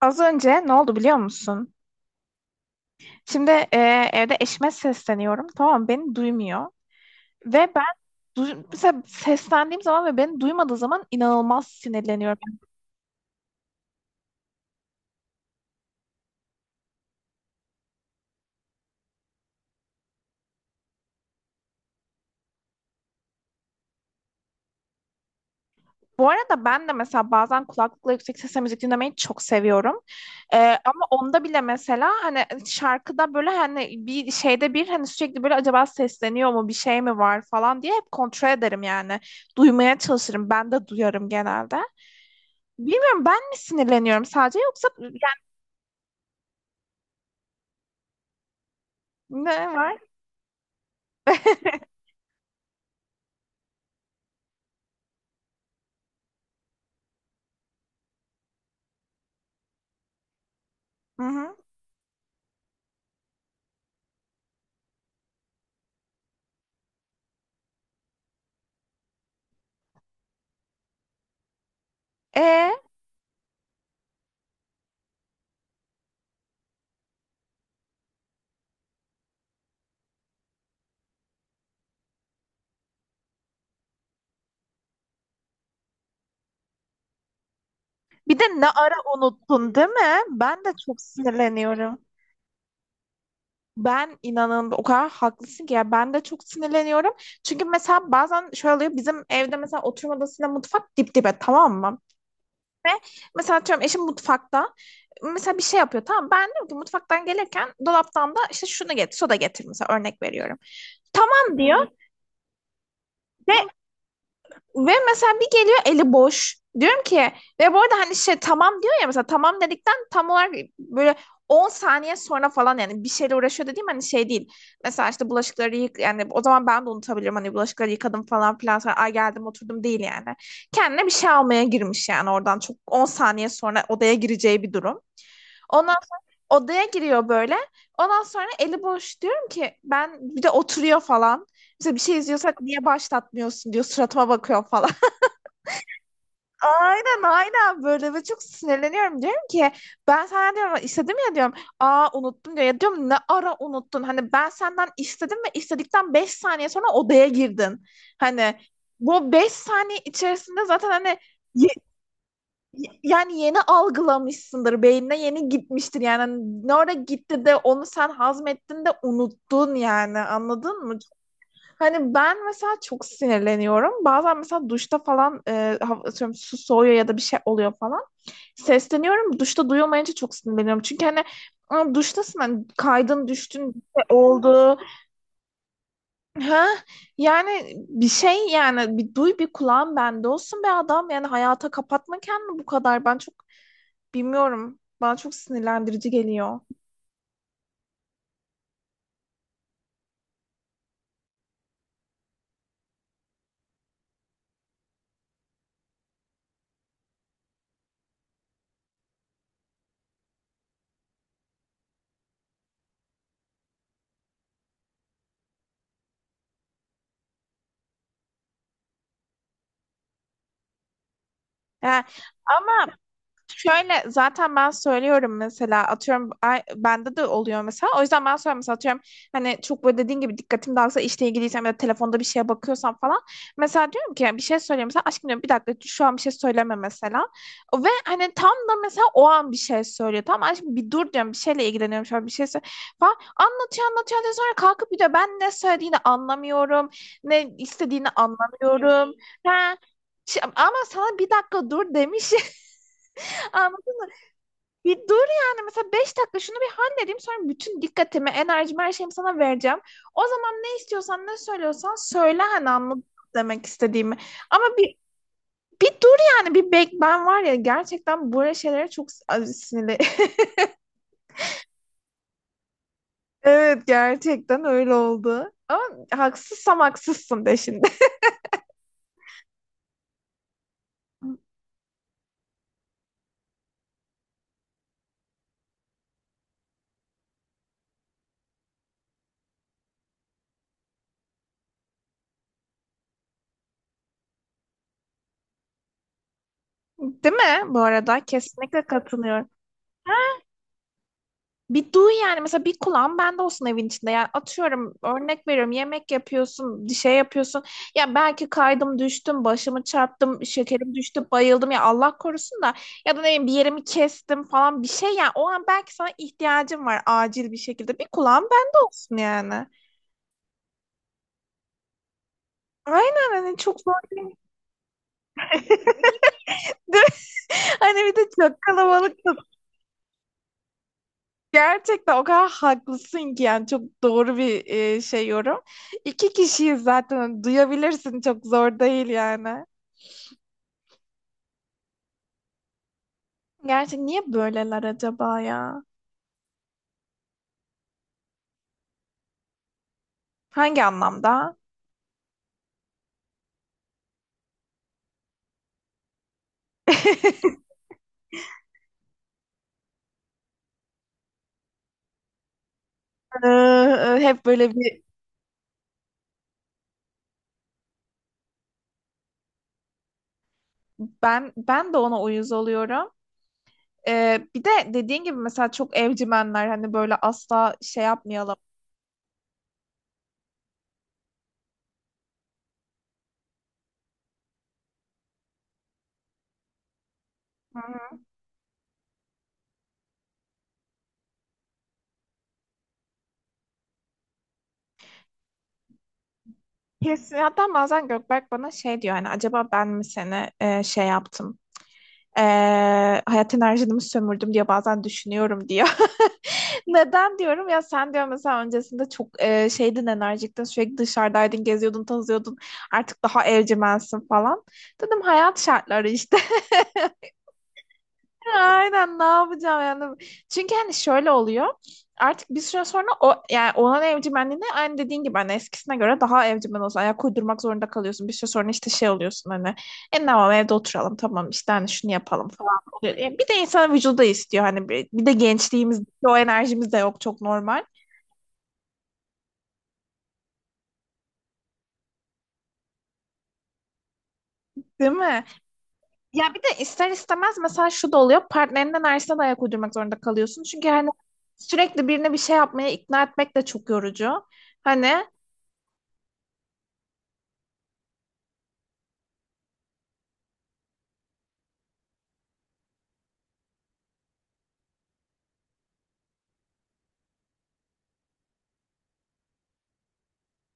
Az önce ne oldu biliyor musun? Şimdi evde eşime sesleniyorum. Tamam beni duymuyor. Ve ben mesela seslendiğim zaman ve beni duymadığı zaman inanılmaz sinirleniyorum. Bu arada ben de mesela bazen kulaklıkla yüksek sesle müzik dinlemeyi çok seviyorum. E, ama onda bile mesela hani şarkıda böyle hani bir şeyde bir hani sürekli böyle acaba sesleniyor mu bir şey mi var falan diye hep kontrol ederim yani. Duymaya çalışırım. Ben de duyarım genelde. Bilmiyorum ben mi sinirleniyorum sadece yoksa ne var? Hı hı. E, bir de ne ara unuttun değil mi? Ben de çok sinirleniyorum. Ben inanın o kadar haklısın ki ya ben de çok sinirleniyorum. Çünkü mesela bazen şöyle oluyor bizim evde mesela oturma odasıyla mutfak dip dibe tamam mı? Ve mesela atıyorum eşim mutfakta mesela bir şey yapıyor tamam ben diyorum ki mutfaktan gelirken dolaptan da işte şunu getir soda getir mesela örnek veriyorum. Tamam diyor. ve Ve mesela bir geliyor eli boş. Diyorum ki ve bu arada hani şey tamam diyor ya mesela tamam dedikten tam olarak böyle 10 saniye sonra falan yani bir şeyle uğraşıyor dediğim hani şey değil. Mesela işte bulaşıkları yık yani o zaman ben de unutabilirim hani bulaşıkları yıkadım falan filan sonra ay geldim oturdum değil yani. Kendine bir şey almaya girmiş yani oradan çok 10 saniye sonra odaya gireceği bir durum. Ondan sonra odaya giriyor böyle. Ondan sonra eli boş diyorum ki ben bir de oturuyor falan. Mesela bir şey izliyorsak niye başlatmıyorsun diyor suratıma bakıyor falan. Aynen aynen böyle ve çok sinirleniyorum diyorum ki ben sana diyorum istedim ya diyorum aa unuttum diyor ya diyorum ne ara unuttun hani ben senden istedim ve istedikten 5 saniye sonra odaya girdin hani bu 5 saniye içerisinde zaten hani yani yeni algılamışsındır beynine yeni gitmiştir yani. Hani ne ara gitti de onu sen hazmettin de unuttun yani anladın mı? Hani ben mesela çok sinirleniyorum. Bazen mesela duşta falan atıyorum su soğuyor ya da bir şey oluyor falan. Sesleniyorum. Duşta duyulmayınca çok sinirleniyorum. Çünkü hani "Aa, duştasın hani kaydın düştün bir şey oldu." Ha? Yani bir şey yani bir duy bir kulağın bende olsun be adam. Yani hayata kapatma kendini bu kadar. Ben çok bilmiyorum. Bana çok sinirlendirici geliyor. Ha, ama şöyle zaten ben söylüyorum mesela atıyorum bende de oluyor mesela. O yüzden ben söylüyorum mesela atıyorum hani çok böyle dediğin gibi dikkatim dağılsa işle ilgiliysem ya da telefonda bir şeye bakıyorsam falan. Mesela diyorum ki bir şey söyleyeyim mesela aşkım diyorum bir dakika şu an bir şey söyleme mesela. Ve hani tam da mesela o an bir şey söylüyor. Tamam aşkım bir dur diyorum bir şeyle ilgileniyorum şu an bir şey falan. Anlatıyor anlatıyor anlatıyor sonra kalkıp bir de ben ne söylediğini anlamıyorum. Ne istediğini anlamıyorum. Ha, ama sana bir dakika dur demiş. Anladın mı? Bir dur yani mesela 5 dakika şunu bir halledeyim sonra bütün dikkatimi, enerjimi, her şeyimi sana vereceğim. O zaman ne istiyorsan ne söylüyorsan söyle hani anladın mı demek istediğimi. Ama bir bir dur yani bir bek ben var ya gerçekten böyle şeylere çok sinirli. Evet gerçekten öyle oldu. Ama haksızsam haksızsın de şimdi. Değil mi? Bu arada kesinlikle katılıyorum. Bir duy yani mesela bir kulağın bende olsun evin içinde. Yani atıyorum örnek veriyorum yemek yapıyorsun, bir şey yapıyorsun. Ya belki kaydım düştüm, başımı çarptım, şekerim düştü, bayıldım ya Allah korusun da ya da ne bileyim bir yerimi kestim falan bir şey yani o an belki sana ihtiyacım var acil bir şekilde. Bir kulağın bende olsun yani. Aynen hani çok zor değil. Hani bir de çok kalabalık. Gerçekten o kadar haklısın ki yani çok doğru bir şey yorum. İki kişiyiz zaten hani duyabilirsin çok zor değil yani. Gerçi niye böyleler acaba ya? Hangi anlamda? Hep böyle bir ben de ona uyuz oluyorum. Bir de dediğin gibi mesela çok evcimenler hani böyle asla şey yapmayalım. Hı hı. Kesin hatta bazen Gökberk bana şey diyor hani acaba ben mi seni şey yaptım? Ee, hayat enerjimi sömürdüm diye bazen düşünüyorum diyor. Neden diyorum ya sen diyor mesela öncesinde çok şeydin enerjiktin sürekli dışarıdaydın geziyordun tozuyordun artık daha evcimensin falan. Dedim hayat şartları işte. Aynen ne yapacağım yani. Çünkü hani şöyle oluyor. Artık bir süre sonra o yani olan evcimenliğine aynı dediğin gibi hani eskisine göre daha evcimen olsun. Ayak uydurmak zorunda kalıyorsun. Bir süre sonra işte şey oluyorsun hani. E tamam evde oturalım tamam işte hani şunu yapalım falan oluyor. Yani bir de insanın vücudu da istiyor hani bir, bir de gençliğimiz o enerjimiz de yok çok normal. Değil mi? Ya bir de ister istemez mesela şu da oluyor. Partnerinin enerjisine de ayak uydurmak zorunda kalıyorsun. Çünkü hani sürekli birine bir şey yapmaya ikna etmek de çok yorucu. Hani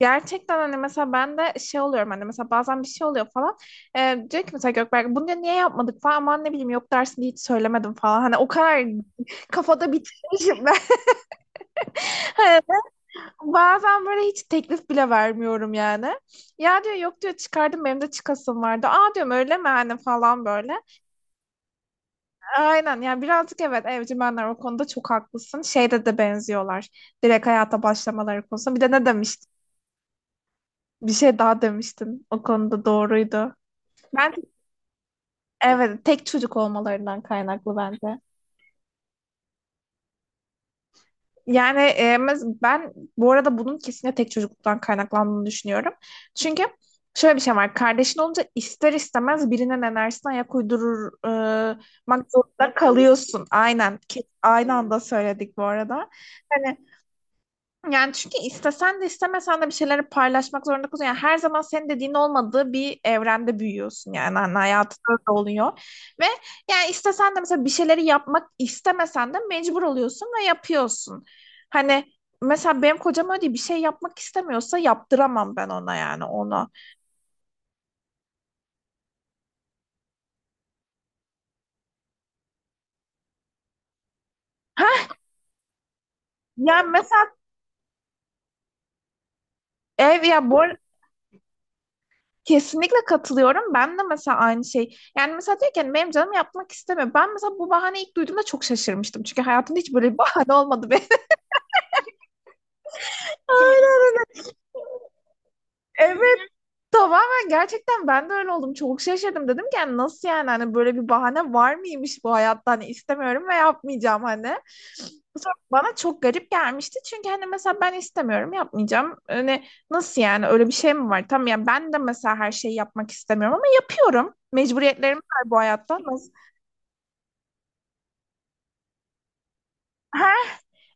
gerçekten hani mesela ben de şey oluyorum hani mesela bazen bir şey oluyor falan. Diyor ki mesela Gökberk bunu diyor, niye yapmadık falan ama ne bileyim yok dersini hiç söylemedim falan. Hani o kadar kafada bitirmişim ben. Hani bazen böyle hiç teklif bile vermiyorum yani. Ya diyor yok diyor çıkardım benim de çıkasım vardı. Aa diyorum öyle mi hani falan böyle. Aynen yani birazcık evet evcimenler o konuda çok haklısın. Şeyde de benziyorlar. Direkt hayata başlamaları konusunda. Bir de ne demiştin? Bir şey daha demiştin. O konuda doğruydu. Ben evet, tek çocuk olmalarından kaynaklı bence. Yani ben bu arada bunun kesinlikle tek çocukluktan kaynaklandığını düşünüyorum. Çünkü şöyle bir şey var. Kardeşin olunca ister istemez birinin enerjisine ayak uydurmak zorunda kalıyorsun. Aynen. Aynı anda söyledik bu arada. Hani yani çünkü istesen de istemesen de bir şeyleri paylaşmak zorunda kalıyorsun. Yani her zaman senin dediğin olmadığı bir evrende büyüyorsun yani hani hayatında da oluyor. Ve yani istesen de mesela bir şeyleri yapmak istemesen de mecbur oluyorsun ve yapıyorsun. Hani mesela benim kocam öyle değil, bir şey yapmak istemiyorsa yaptıramam ben ona yani onu. Yani mesela ya bu kesinlikle katılıyorum. Ben de mesela aynı şey. Yani mesela diyor ki hani benim canım yapmak istemiyor. Ben mesela bu bahane ilk duyduğumda çok şaşırmıştım. Çünkü hayatımda hiç böyle bir bahane olmadı benim. Evet tamamen gerçekten ben de öyle oldum. Çok şaşırdım. Dedim ki yani nasıl yani hani böyle bir bahane var mıymış bu hayatta? Hani istemiyorum ve yapmayacağım hani. Bu soru bana çok garip gelmişti. Çünkü hani mesela ben istemiyorum yapmayacağım. Hani nasıl yani öyle bir şey mi var? Tamam yani ben de mesela her şeyi yapmak istemiyorum ama yapıyorum. Mecburiyetlerim var bu hayatta. Nasıl?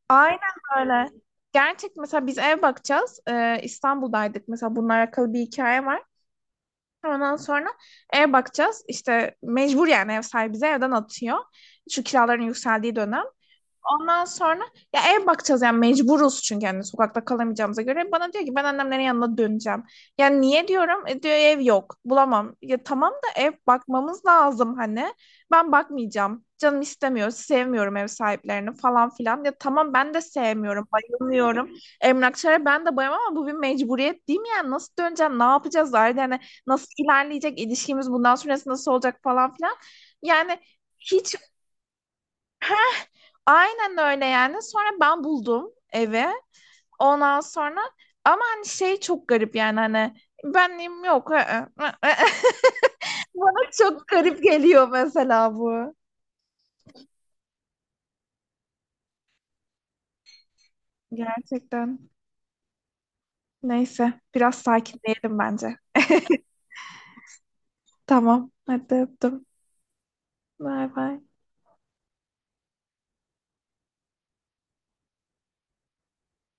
Aynen öyle. Gerçek mesela biz ev bakacağız. İstanbul'daydık mesela bununla alakalı bir hikaye var. Ondan sonra ev bakacağız. İşte mecbur yani ev sahibi bizi evden atıyor. Şu kiraların yükseldiği dönem. Ondan sonra ya ev bakacağız yani mecburuz çünkü hani sokakta kalamayacağımıza göre. Bana diyor ki ben annemlerin yanına döneceğim. Yani niye diyorum? Diyor ev yok bulamam. Ya tamam da ev bakmamız lazım hani. Ben bakmayacağım. Canım istemiyor. Sevmiyorum ev sahiplerini falan filan. Ya tamam ben de sevmiyorum. Bayılmıyorum. Emlakçılara ben de bayılmam ama bu bir mecburiyet değil mi yani? Nasıl döneceğim? Ne yapacağız? Zaten yani nasıl ilerleyecek ilişkimiz, bundan sonrası nasıl olacak falan filan. Yani hiç aynen öyle yani. Sonra ben buldum evi. Ondan sonra ama hani şey çok garip yani hani benliğim yok. I, ı, ı, ı. Bana çok garip geliyor mesela bu. Gerçekten. Neyse biraz sakinleyelim bence. Tamam. Hadi öptüm. Bay bay.